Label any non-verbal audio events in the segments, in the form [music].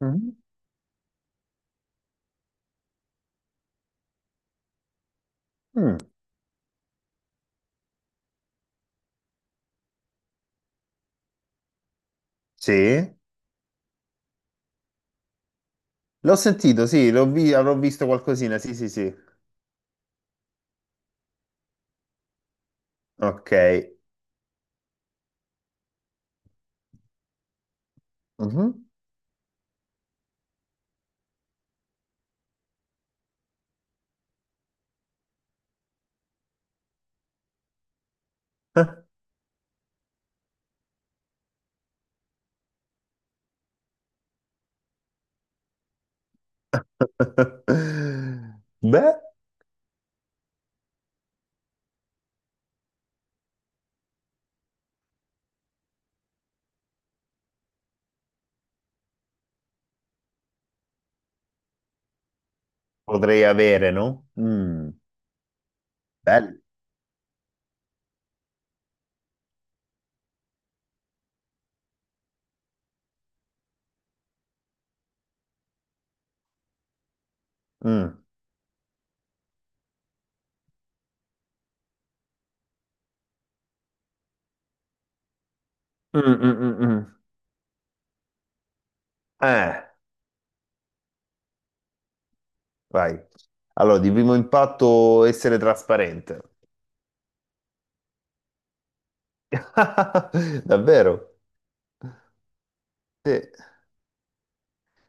Mm. Mm. Sì, l'ho sentito, sì, avrò visto qualcosina, sì, sì, sì. Ok. Mhm. [laughs] Beh, potrei avere, no? Mm. Bello. Mm. Mm, mm, mm, mm. Eh, vai. Allora, di primo impatto essere trasparente. [laughs] Davvero? Sì.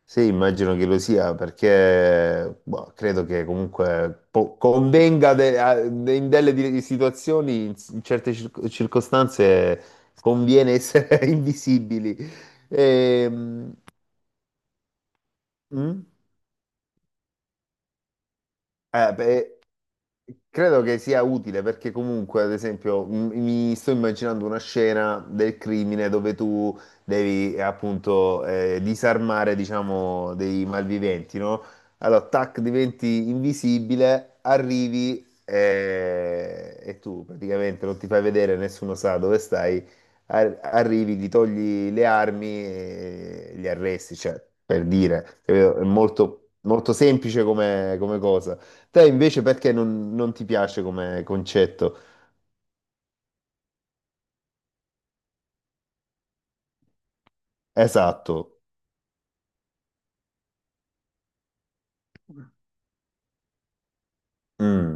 Sì, immagino che lo sia, perché boh, credo che comunque convenga in delle situazioni, in, in certe circostanze, conviene essere [laughs] invisibili. Ehm, mm? Beh, credo che sia utile perché comunque, ad esempio, mi sto immaginando una scena del crimine dove tu devi appunto disarmare, diciamo, dei malviventi, no? Allora, tac, diventi invisibile, arrivi e tu praticamente non ti fai vedere, nessuno sa dove stai, arrivi, gli togli le armi e li arresti, cioè, per dire, capito? È molto, molto semplice come cosa. Te invece perché non ti piace come concetto? Esatto. Mm.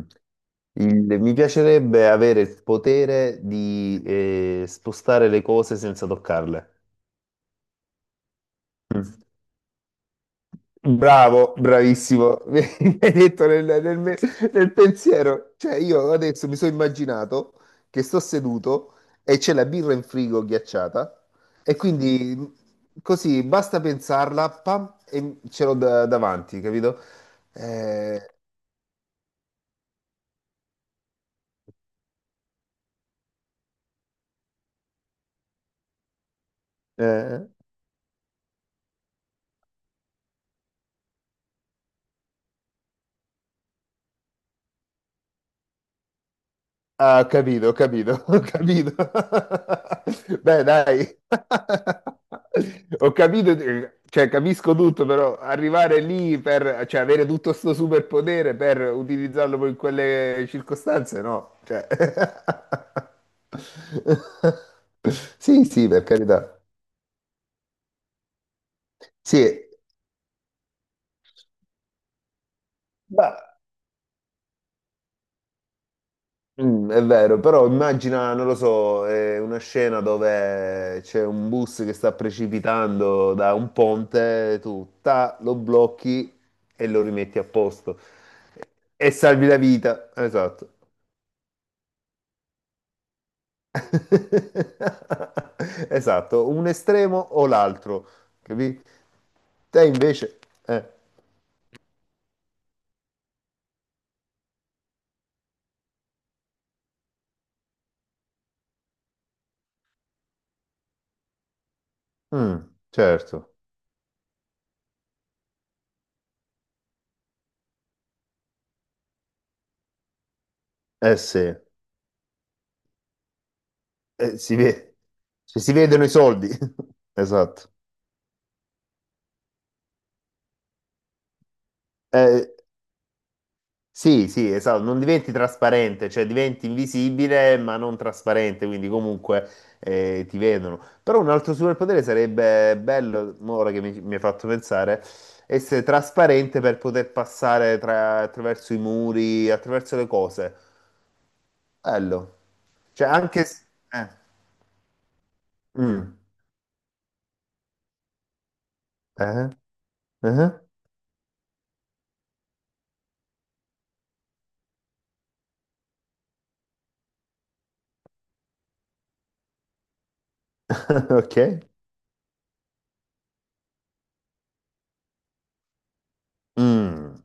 Mi piacerebbe avere il potere di spostare le cose senza toccarle. Bravo, bravissimo. [laughs] Mi hai detto nel pensiero. Cioè, io adesso mi sono immaginato che sto seduto e c'è la birra in frigo ghiacciata e quindi così basta pensarla, pam, e ce l'ho davanti, capito? Eh, eh. Ah, ho capito, [laughs] ho capito. [laughs] Beh, dai. [laughs] Ho capito, cioè capisco tutto, però arrivare lì per, cioè avere tutto sto superpotere per utilizzarlo poi in quelle circostanze, no. Cioè. [laughs] Sì, sì, per carità. Sì, ma. È vero, però immagina, non lo so, una scena dove c'è un bus che sta precipitando da un ponte, tu ta, lo blocchi e lo rimetti a posto e salvi la vita. Esatto. [laughs] Esatto, un estremo o l'altro, capì? Te invece... eh, mm, certo, eh sì, eh, si ve- ci si vedono i soldi. [laughs] Esatto. Eh, sì, sì, esatto, non diventi trasparente, cioè diventi invisibile ma non trasparente, quindi comunque ti vedono. Però un altro superpotere sarebbe bello, mo ora che mi hai fatto pensare, essere trasparente per poter passare attraverso i muri, attraverso le cose. Bello. Cioè anche... Eh. Mm. Eh? Eh? [laughs] Ok. Mm.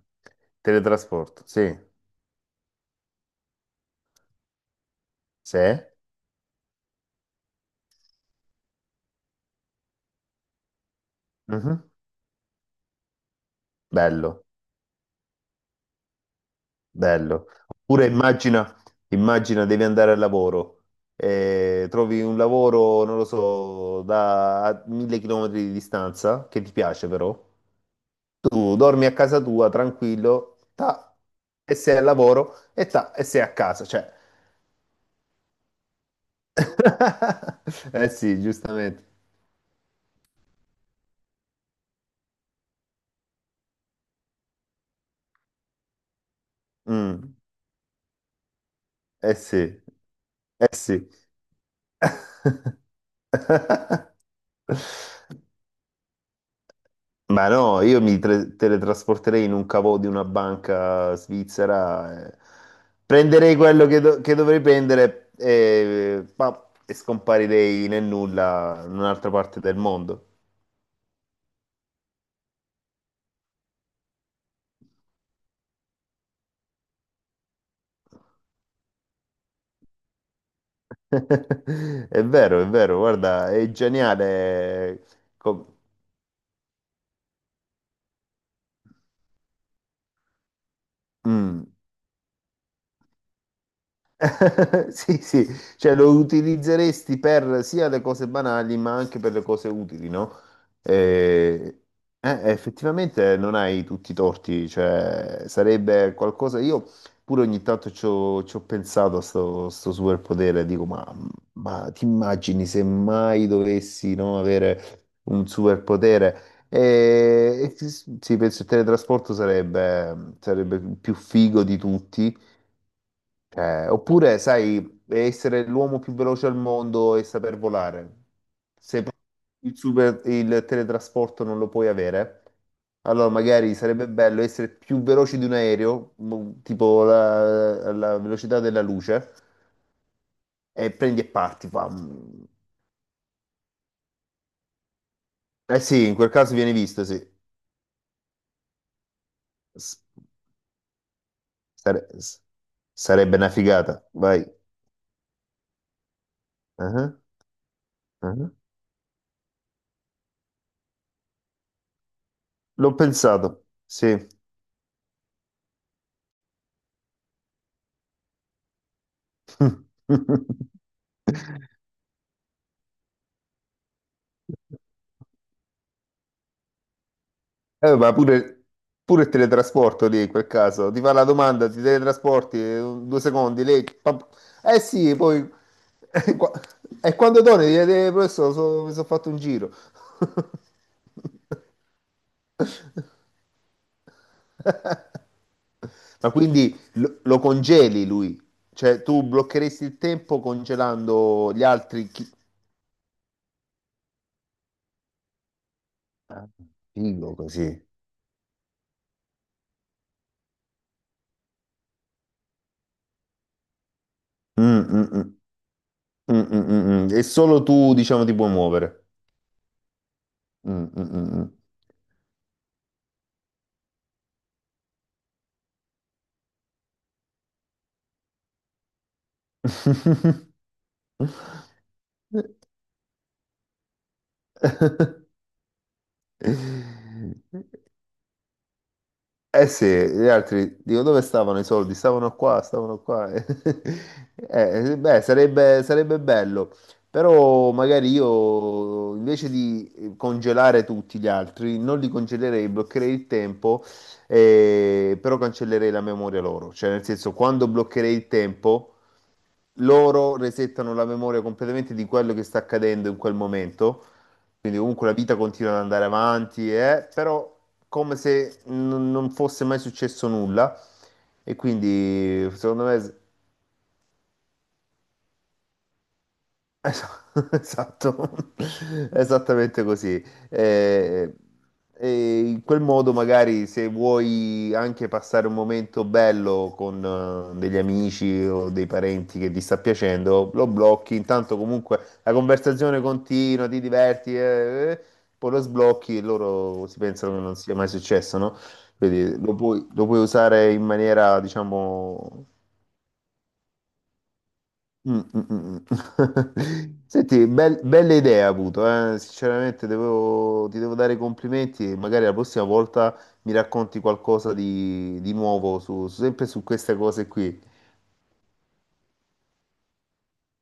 Teletrasporto, sì. Sì. Mhm. Bello. Bello. Oppure immagina devi andare al lavoro, trovi un lavoro, non lo so, da a 1.000 chilometri di distanza, che ti piace però. Tu dormi a casa tua tranquillo, ta, e sei al lavoro, e ta, e sei a casa, cioè. [laughs] Eh sì, giustamente. Mm, eh sì, eh sì. [laughs] Ma no, io teletrasporterei in un cavò di una banca svizzera, prenderei quello che dovrei prendere e scomparirei nel nulla in un'altra parte del mondo. [laughs] È vero, guarda, è geniale. Com- Mm. [laughs] Sì, sì, cioè lo utilizzeresti per sia le cose banali ma anche per le cose utili, no? Eh, effettivamente non hai tutti i torti, cioè sarebbe qualcosa... Io pure ogni tanto ci ho pensato a sto superpotere, dico, ma, ti immagini se mai dovessi, no, avere un superpotere? E sì, penso il teletrasporto sarebbe più figo di tutti. Oppure, sai, essere l'uomo più veloce al mondo e saper volare. Se poi il teletrasporto non lo puoi avere, allora magari sarebbe bello essere più veloci di un aereo, tipo la velocità della luce, e prendi e parti. Fam. Eh sì, in quel caso viene visto, sì. S- sare- s- sarebbe una figata, vai. Ah, ah. L'ho pensato, sì. [laughs] Ma pure il teletrasporto lì in quel caso. Ti fa la domanda, ti teletrasporti 2 secondi, lei... pam- Eh sì, poi... [laughs] E qua- e quando torni, gli chiedi, professore, mi sono fatto un giro. [laughs] Ma quindi lo congeli lui? Cioè tu bloccheresti il tempo congelando gli altri... Chi... Ah, figo così. Mm, mm, mm, mm, mm, mm, mm. E solo tu, diciamo, ti puoi muovere. Mm, mm, mm, mm. Eh sì, gli altri, dico, dove stavano i soldi? Stavano qua, stavano qua. [laughs] Beh, sarebbe bello, però magari io invece di congelare tutti gli altri, non li congelerei, bloccherei il tempo, però cancellerei la memoria loro. Cioè, nel senso, quando bloccherei il tempo... loro resettano la memoria completamente di quello che sta accadendo in quel momento, quindi comunque la vita continua ad andare avanti, però come se non fosse mai successo nulla e quindi secondo me. Es- [laughs] Esatto, [laughs] esattamente così. Eh, e in quel modo, magari, se vuoi anche passare un momento bello con degli amici o dei parenti che ti sta piacendo, lo blocchi. Intanto, comunque, la conversazione continua, ti diverti, poi lo sblocchi e loro si pensano che non sia mai successo, no? Quindi lo puoi usare in maniera, diciamo. Mm, mm, mm, mm. [laughs] Senti, bella idea avuto, eh. Sinceramente ti devo dare i complimenti e magari la prossima volta mi racconti qualcosa di nuovo su, sempre su queste cose qui.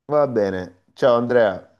Va bene, ciao Andrea.